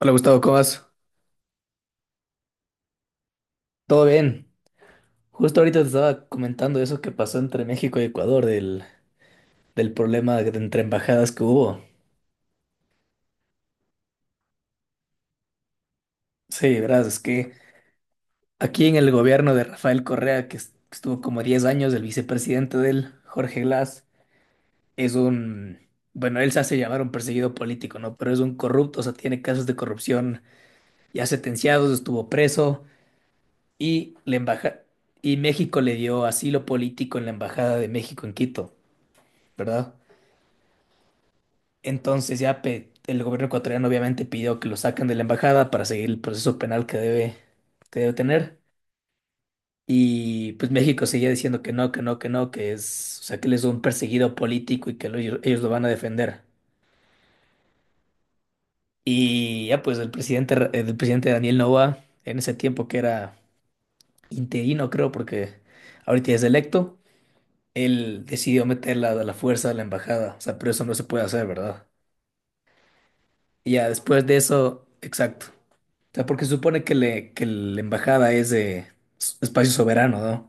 Hola Gustavo, ¿cómo vas? ¿Todo bien? Justo ahorita te estaba comentando eso que pasó entre México y Ecuador, del problema de- entre embajadas que hubo. Sí, verás, es que aquí en el gobierno de Rafael Correa, que estuvo como 10 años, el vicepresidente de él, Jorge Glass, es un, bueno, él se hace llamar un perseguido político, ¿no? Pero es un corrupto, o sea, tiene casos de corrupción ya sentenciados, estuvo preso y la embaja, y México le dio asilo político en la embajada de México en Quito, ¿verdad? Entonces ya pe- el gobierno ecuatoriano obviamente pidió que lo saquen de la embajada para seguir el proceso penal que debe tener. Y pues México seguía diciendo que no, que no, que no, que es, o sea, que él es un perseguido político y ellos lo van a defender. Y ya pues el presidente, el presidente Daniel Noboa, en ese tiempo que era interino, creo, porque ahorita ya es electo, él decidió meterla a la fuerza a la embajada. O sea, pero eso no se puede hacer, ¿verdad? Y ya después de eso, exacto. O sea, porque se supone que la embajada es de espacio soberano, ¿no?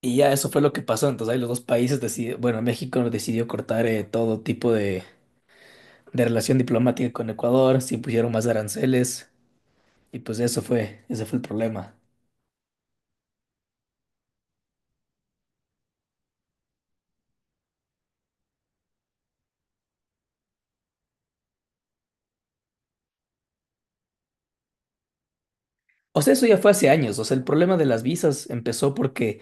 Y ya eso fue lo que pasó. Entonces ahí los dos países decidieron, bueno, México decidió cortar todo tipo de relación diplomática con Ecuador, se impusieron más aranceles y ese fue el problema. O sea, eso ya fue hace años. O sea, el problema de las visas empezó porque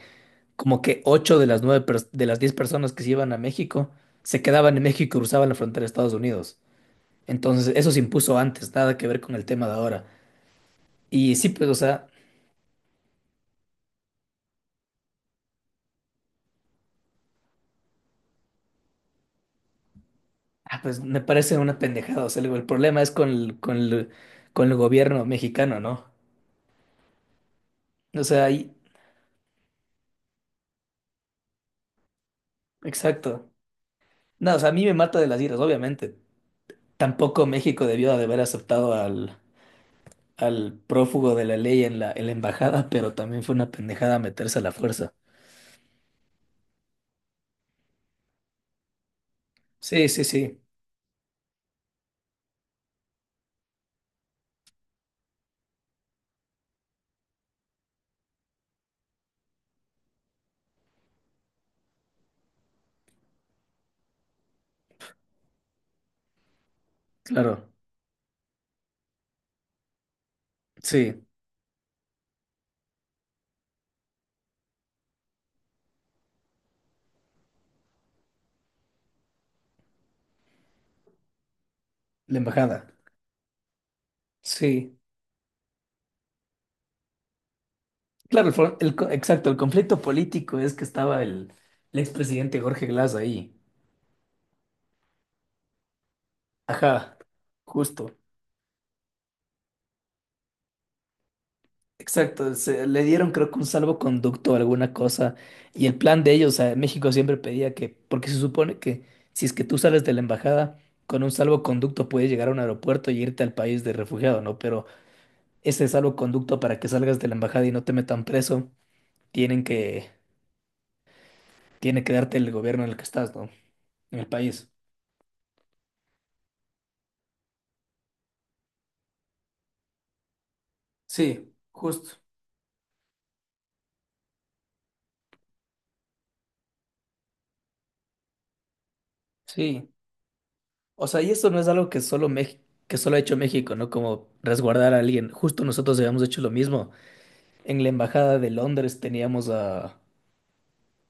como que ocho de las nueve pers- de las 10 personas que se iban a México se quedaban en México y cruzaban la frontera de Estados Unidos. Entonces, eso se impuso antes, nada que ver con el tema de ahora. Y sí, pues, o sea, ah, pues me parece una pendejada. O sea, el problema es con el gobierno mexicano, ¿no? O sea, ahí, exacto. No, o sea, a mí me mata de las iras, obviamente. Tampoco México debió de haber aceptado al prófugo de la ley en la embajada, pero también fue una pendejada meterse a la fuerza. Sí, sí, sí, claro. Sí, la embajada. Sí. Claro, el, for- el co- exacto, el conflicto político es que estaba el expresidente Jorge Glass ahí. Ajá, justo. Exacto, le dieron creo que un salvoconducto o alguna cosa. Y el plan de ellos, o sea, México siempre pedía que, porque se supone que si es que tú sales de la embajada con un salvoconducto puedes llegar a un aeropuerto y irte al país de refugiado, ¿no? Pero ese salvoconducto para que salgas de la embajada y no te metan preso, tienen que, tiene que darte el gobierno en el que estás, ¿no? En el país. Sí, justo. Sí, o sea, y eso no es algo que solo México, que solo ha hecho México, ¿no? Como resguardar a alguien. Justo nosotros habíamos hecho lo mismo. En la embajada de Londres teníamos a,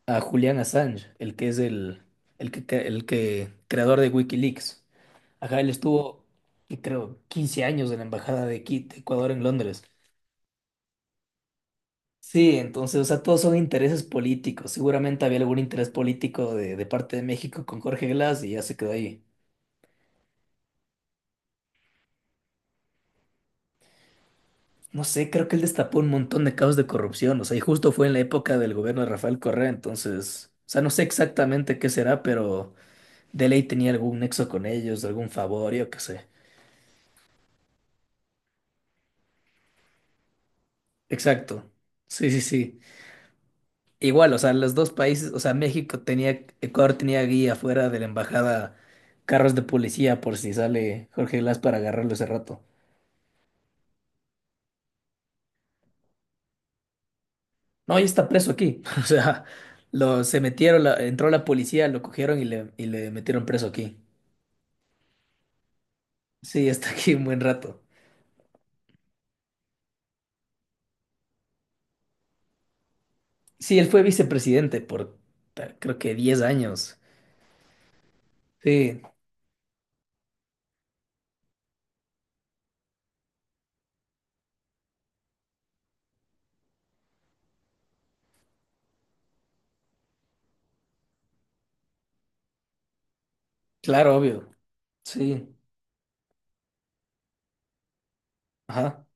a Julian Assange, el que, creador de WikiLeaks. Ajá, él estuvo, y creo, 15 años en la embajada de de Ecuador en Londres. Sí, entonces, o sea, todos son intereses políticos. Seguramente había algún interés político de parte de México con Jorge Glass y ya se quedó ahí. No sé, creo que él destapó un montón de casos de corrupción, o sea, y justo fue en la época del gobierno de Rafael Correa, entonces, o sea, no sé exactamente qué será, pero de ley tenía algún nexo con ellos, algún favor, yo qué sé. Exacto. Sí, sí, sí. Igual, o sea, los dos países, o sea, México tenía, Ecuador tenía guía fuera de la embajada, carros de policía por si sale Jorge Glass para agarrarlo ese rato. No, ya está preso aquí. O sea, lo, se metieron, entró la policía, lo cogieron y le metieron preso aquí. Sí, está aquí un buen rato. Sí, él fue vicepresidente por creo que 10 años. Sí, claro, obvio. Sí, ajá.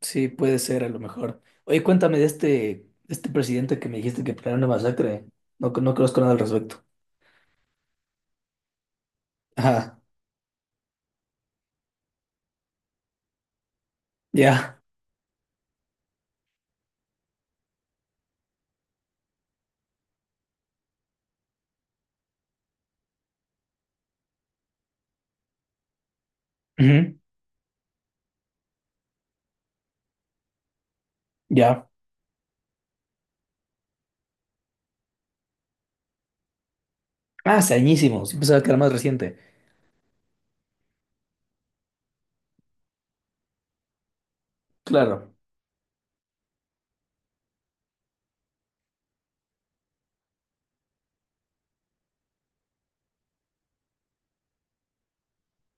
Sí, puede ser a lo mejor. Oye, cuéntame de este, presidente que me dijiste que planeó una masacre. No, no conozco nada al respecto. Ajá, ya. Ujú, ya. Ah, hace añísimos. Yo pensaba que era más reciente. Claro,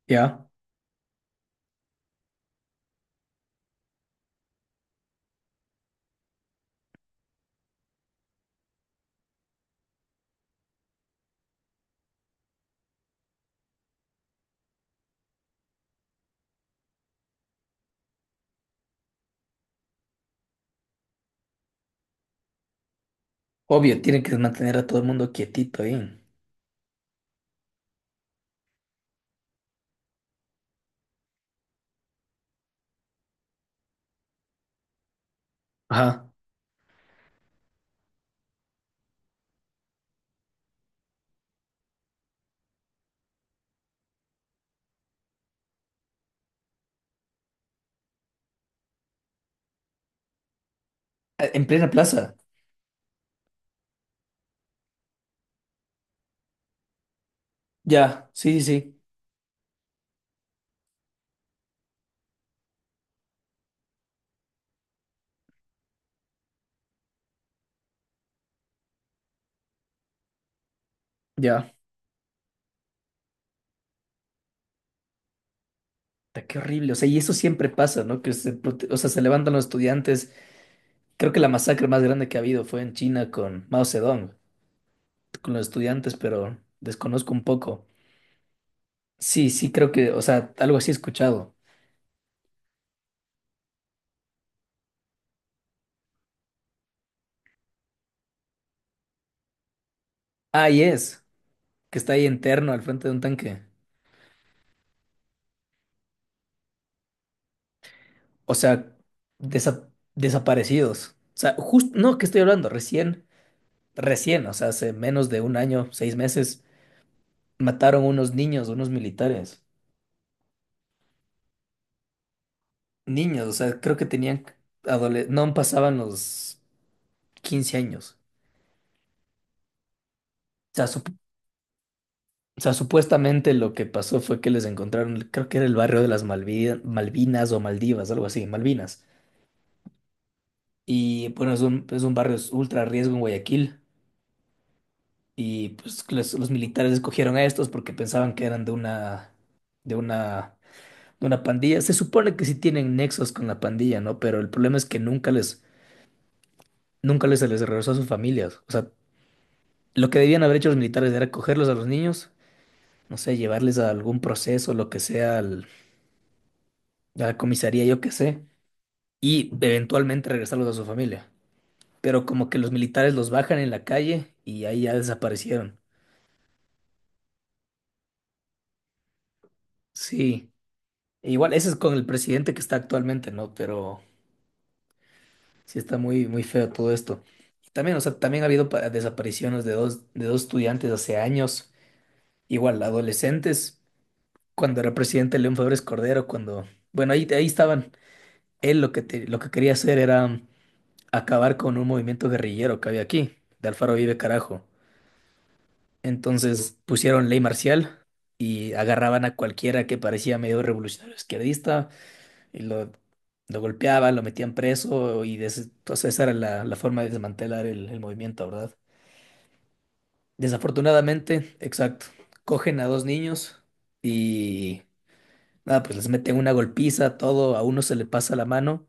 ya. Obvio, tienen que mantener a todo el mundo quietito ahí. Ajá. En plena plaza. Ya, sí, sí, sí. Ya. Puta, qué horrible, o sea, y eso siempre pasa, ¿no? O sea, se levantan los estudiantes. Creo que la masacre más grande que ha habido fue en China con Mao Zedong, con los estudiantes, pero desconozco un poco. Sí, sí, creo que, o sea, algo así he escuchado. Ah, que está ahí interno al frente de un tanque. O sea, desaparecidos. O sea, justo, no, ¿qué estoy hablando? Recién, o sea, hace menos de un año, 6 meses, mataron unos niños, unos militares. Niños, o sea, creo que tenían no pasaban los 15 años. O sea, o sea, supuestamente lo que pasó fue que les encontraron, creo que era el barrio de las Malvinas o Maldivas, algo así, Malvinas. Y bueno, es un barrio ultra riesgo en Guayaquil. Y pues los militares escogieron a estos porque pensaban que eran de una, de una pandilla. Se supone que sí tienen nexos con la pandilla, ¿no? Pero el problema es que nunca les se les regresó a sus familias. O sea, lo que debían haber hecho los militares era cogerlos a los niños, no sé, llevarles a algún proceso, lo que sea, a la comisaría, yo qué sé, y eventualmente regresarlos a su familia. Pero como que los militares los bajan en la calle y ahí ya desaparecieron. Sí, e igual ese es con el presidente que está actualmente, ¿no? Pero sí está muy, muy feo todo esto. Y también, o sea, también ha habido desapariciones de dos estudiantes hace años, igual adolescentes, cuando era presidente León Febres Cordero, cuando, bueno, ahí estaban. Él lo que quería hacer era acabar con un movimiento guerrillero que había aquí, de Alfaro Vive Carajo. Entonces pusieron ley marcial y agarraban a cualquiera que parecía medio revolucionario izquierdista y lo golpeaban, lo metían preso y entonces esa era la forma de desmantelar el movimiento, ¿verdad? Desafortunadamente, exacto, cogen a dos niños y nada, pues les meten una golpiza, todo, a uno se le pasa la mano,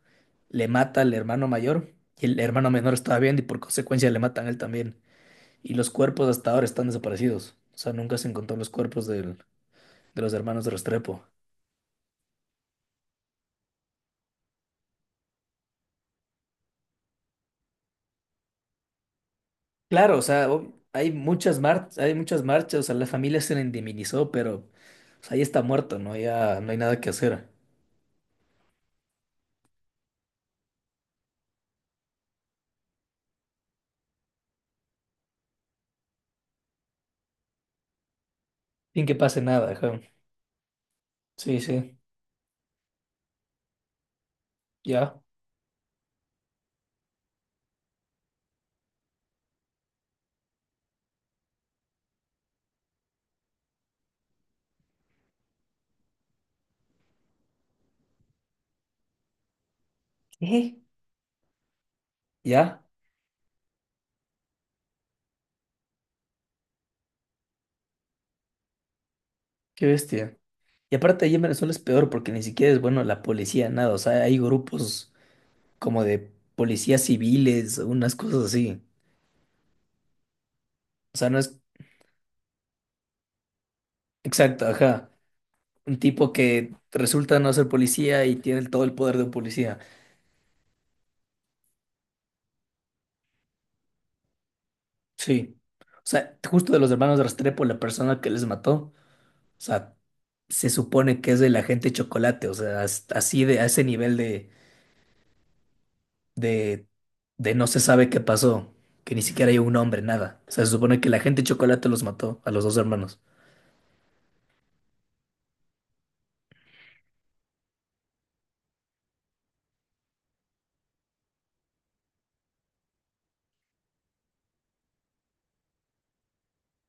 le mata al hermano mayor y el hermano menor estaba viendo y por consecuencia le matan a él también. Y los cuerpos hasta ahora están desaparecidos. O sea, nunca se encontraron los cuerpos de los hermanos de Restrepo. Claro, o sea, hay muchas marchas, o sea, la familia se le indemnizó, pero o sea, ahí está muerto, ¿no? Ya no hay nada que hacer. Sin que pase nada, ajá. Sí, sí, ya. ¿Qué? ¿Ya? Qué bestia. Y aparte allí en Venezuela es peor porque ni siquiera es bueno la policía, nada. O sea, hay grupos como de policías civiles, unas cosas así. O sea, no es exacto, ajá. Un tipo que resulta no ser policía y tiene todo el poder de un policía. Sí. O sea, justo de los hermanos Restrepo, la persona que les mató, o sea, se supone que es el agente Chocolate. O sea, así de, a ese nivel de, de no se sabe qué pasó, que ni siquiera hay un hombre, nada. O sea, se supone que la gente de chocolate los mató a los dos hermanos.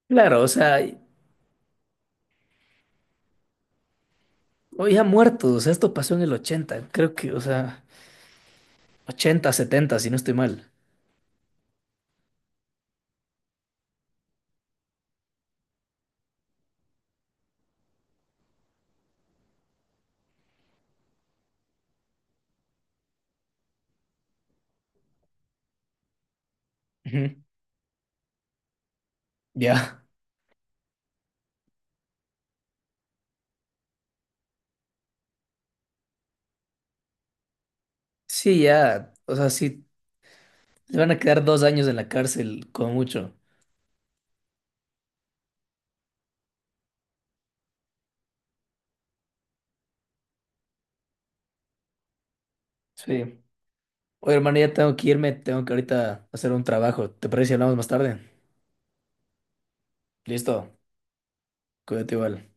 Claro, o sea, hoy ha muerto, o sea, esto pasó en el 80 creo que, o sea, 80 70 si no estoy mal. Ujú. Ya. Sí, ya, o sea, sí, le van a quedar 2 años en la cárcel, como mucho. Sí. Oye, hermano, ya tengo que irme, tengo que ahorita hacer un trabajo. ¿Te parece si hablamos más tarde? Listo, cuídate igual.